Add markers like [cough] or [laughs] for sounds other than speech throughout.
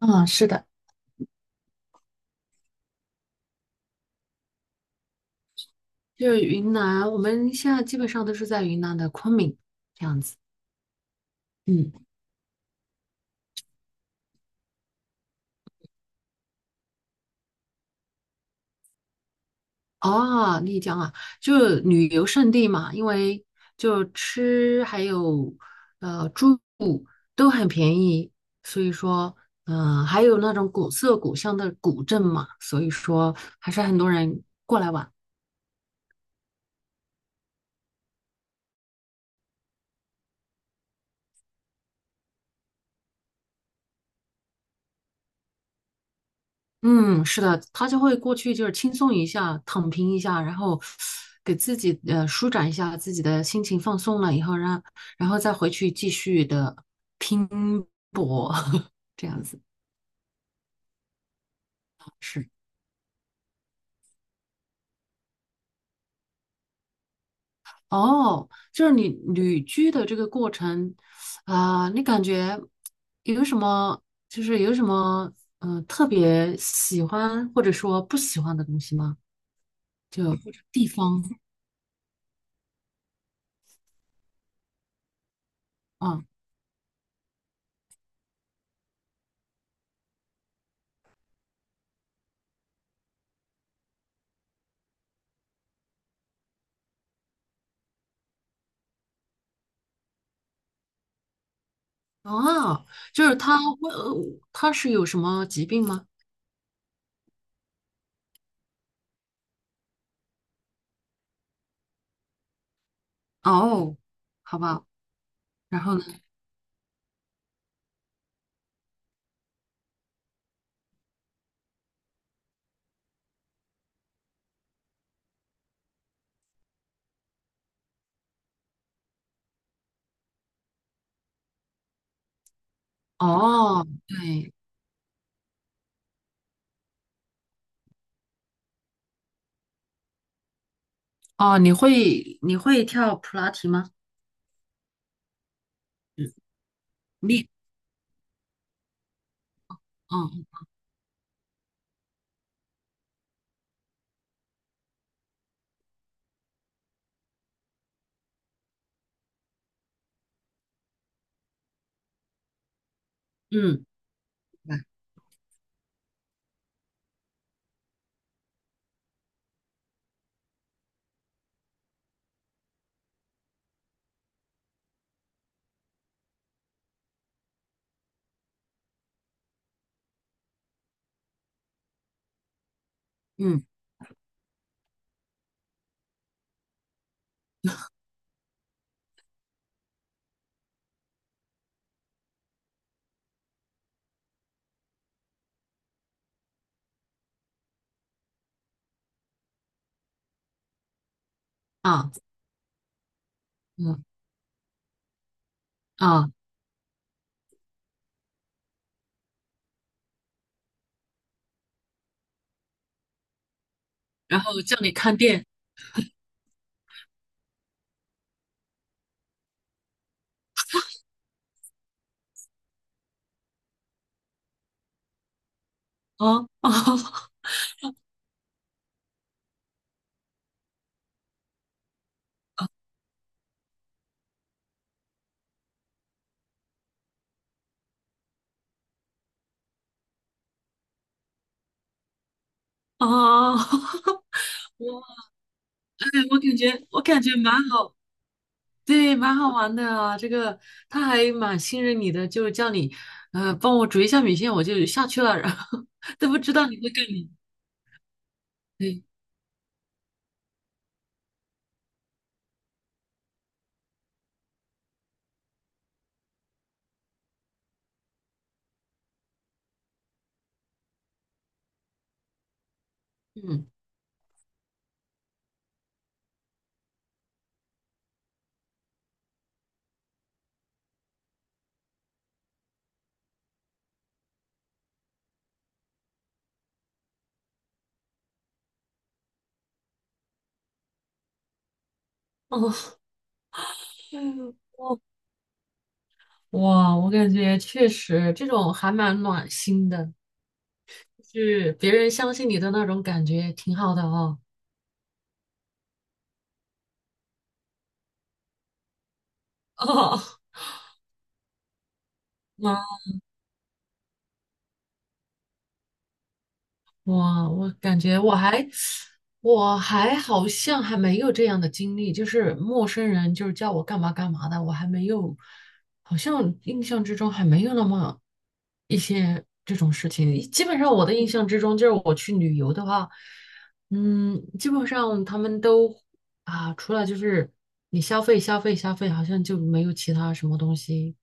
嗯，是的，就是云南，我们现在基本上都是在云南的昆明这样子。嗯哦，丽江啊，就旅游胜地嘛，因为就吃还有住都很便宜，所以说还有那种古色古香的古镇嘛，所以说还是很多人过来玩。嗯，是的，他就会过去就是轻松一下，躺平一下，然后给自己舒展一下自己的心情，放松了以后，然后再回去继续的拼搏，[laughs] 这样子是。哦，就是你旅居的这个过程啊、你感觉有什么有什么特别喜欢或者说不喜欢的东西吗？就或者地方啊。哦，就是他问，他是有什么疾病吗？哦，好吧，然后呢？哦，对。哦，你会跳普拉提吗？你，哦。嗯嗯啊嗯啊，然后叫你看店。哦哦哦，[laughs] 我哎，我感觉蛮好，对，蛮好玩的啊。这个他还蛮信任你的，就是叫你，帮我煮一下米线，我就下去了，然后 [laughs] 都不知道你会干嘛。对。嗯，嗯，哇，我感觉确实这种还蛮暖心的，就是别人相信你的那种感觉，挺好的哦。[laughs] 哦，哇，我感觉我还好像还没有这样的经历，就是陌生人就是叫我干嘛干嘛的，我还没有，好像印象之中还没有那么一些这种事情。基本上我的印象之中，就是我去旅游的话，嗯，基本上他们都啊，除了就是你消费消费消费，好像就没有其他什么东西。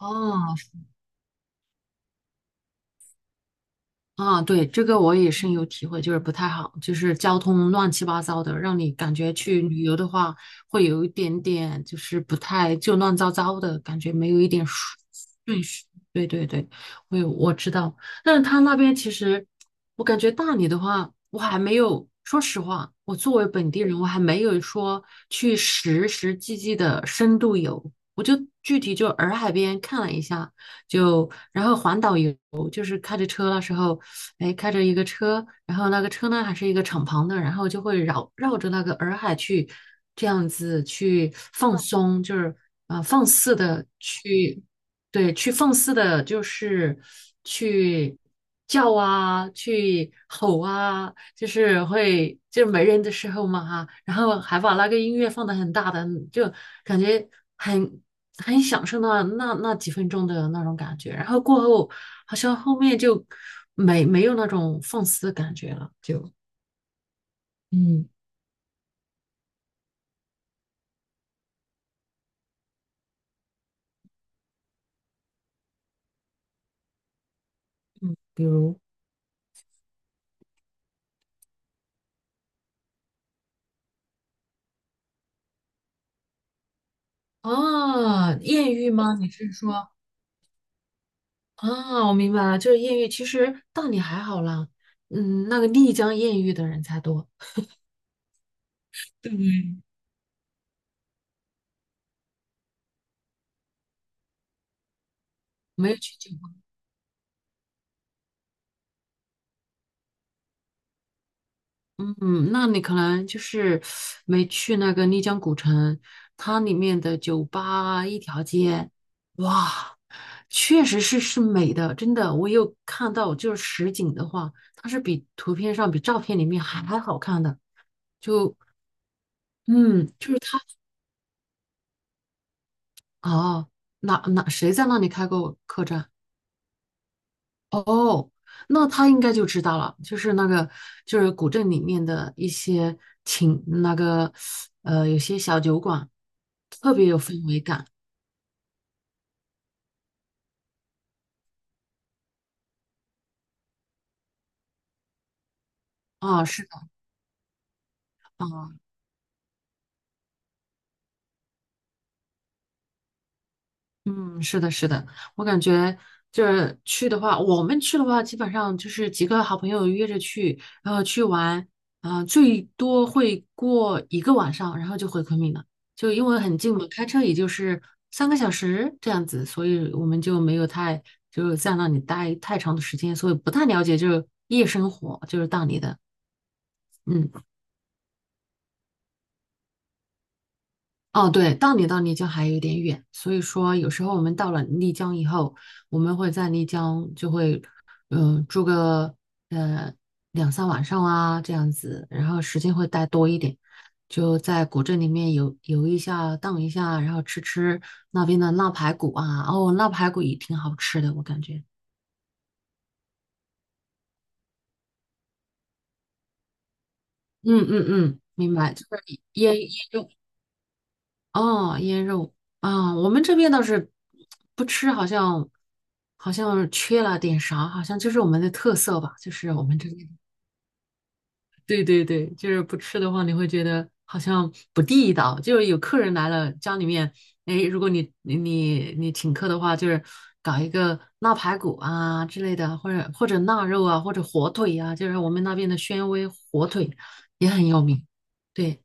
啊。啊，对，这个我也深有体会，就是不太好，就是交通乱七八糟的，让你感觉去旅游的话，会有一点点就是不太就乱糟糟的感觉，没有一点顺序。对对对，我知道，但是他那边其实，我感觉大理的话，我还没有，说实话，我作为本地人，我还没有说去实实际际的深度游，我就具体就洱海边看了一下。就然后环岛游就是开着车那时候，哎，开着一个车，然后那个车呢还是一个敞篷的，然后就会绕着那个洱海去，这样子去放松，就是放肆的去，对，去放肆的，就是去叫啊，去吼啊，就是会就是没人的时候嘛哈，然后还把那个音乐放得很大的，就感觉很很享受那几分钟的那种感觉，然后过后。好像后面就没有那种放肆的感觉了，就嗯。比如，啊，艳遇吗？你是说啊？我明白了，就是艳遇。其实大理还好啦，嗯，那个丽江艳遇的人才多，对不对，没有去酒宫。嗯，那你可能就是没去那个丽江古城，它里面的酒吧一条街。哇。确实是是美的，真的，我有看到，就是实景的话，它是比图片上、比照片里面还还好看的。嗯，就是它。哦，谁在那里开过客栈？哦，那他应该就知道了，就是那个就是古镇里面的一些情，那个有些小酒馆特别有氛围感。啊，是的。啊。嗯，是的，是的，我感觉就是去的话，我们去的话，基本上就是几个好朋友约着去，然后去玩，啊、最多会过一个晚上，然后就回昆明了，就因为很近嘛，开车也就是三个小时这样子，所以我们就没有太就是在那里待太长的时间，所以不太了解就是夜生活，就是大理的。嗯。哦，对，到你到丽江还有一点远，所以说有时候我们到了丽江以后，我们会在丽江就会，住个呃两三晚上啊这样子，然后时间会待多一点，就在古镇里面游游一下、荡一下，然后吃吃那边的腊排骨啊，哦，腊排骨也挺好吃的，我感觉。嗯嗯嗯，明白，就是腌哦，腌肉啊，我们这边倒是不吃，好像好像缺了点啥，好像就是我们的特色吧，就是我们这边，对对对，就是不吃的话，你会觉得好像不地道。就是有客人来了，家里面，哎，如果你请客的话，就是搞一个腊排骨啊之类的，或者或者腊肉啊，或者火腿啊，就是我们那边的宣威火腿也很有名。对。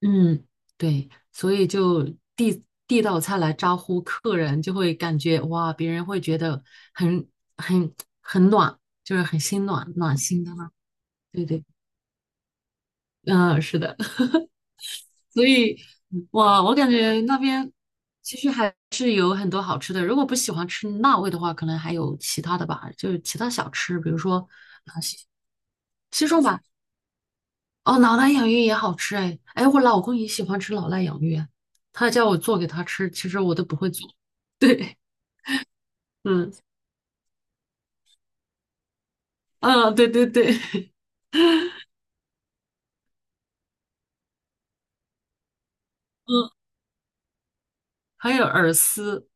嗯，对，所以就递道菜来招呼客人，就会感觉哇，别人会觉得很很很暖，就是很心暖暖心的嘛。对对，嗯，是的，[laughs] 所以哇，我感觉那边其实还是有很多好吃的。如果不喜欢吃辣味的话，可能还有其他的吧，就是其他小吃，比如说啊西西双版哦，老腊养芋也好吃哎，哎，我老公也喜欢吃老腊养芋，他叫我做给他吃，其实我都不会做。[laughs] 对。嗯，啊，对对对。[laughs] 嗯，还有耳丝，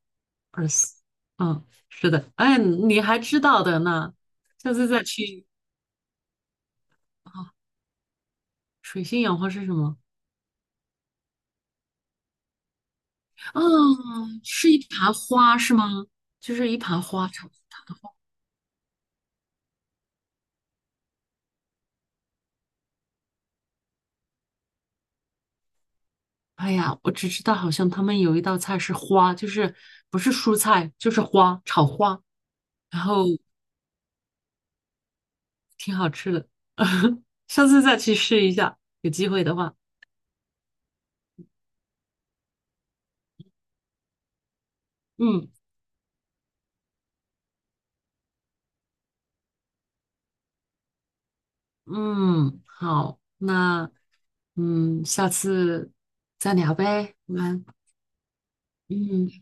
耳丝，嗯，是的，哎，你还知道的呢，下次再去啊。水性杨花是什么？嗯，是一盘花是吗？就是一盘花炒。哎呀，我只知道好像他们有一道菜是花，就是不是蔬菜，就是花，炒花。然后挺好吃的，[laughs] 下次再去试一下，有机会的话。嗯嗯，好，那嗯，下次再聊呗，我们嗯。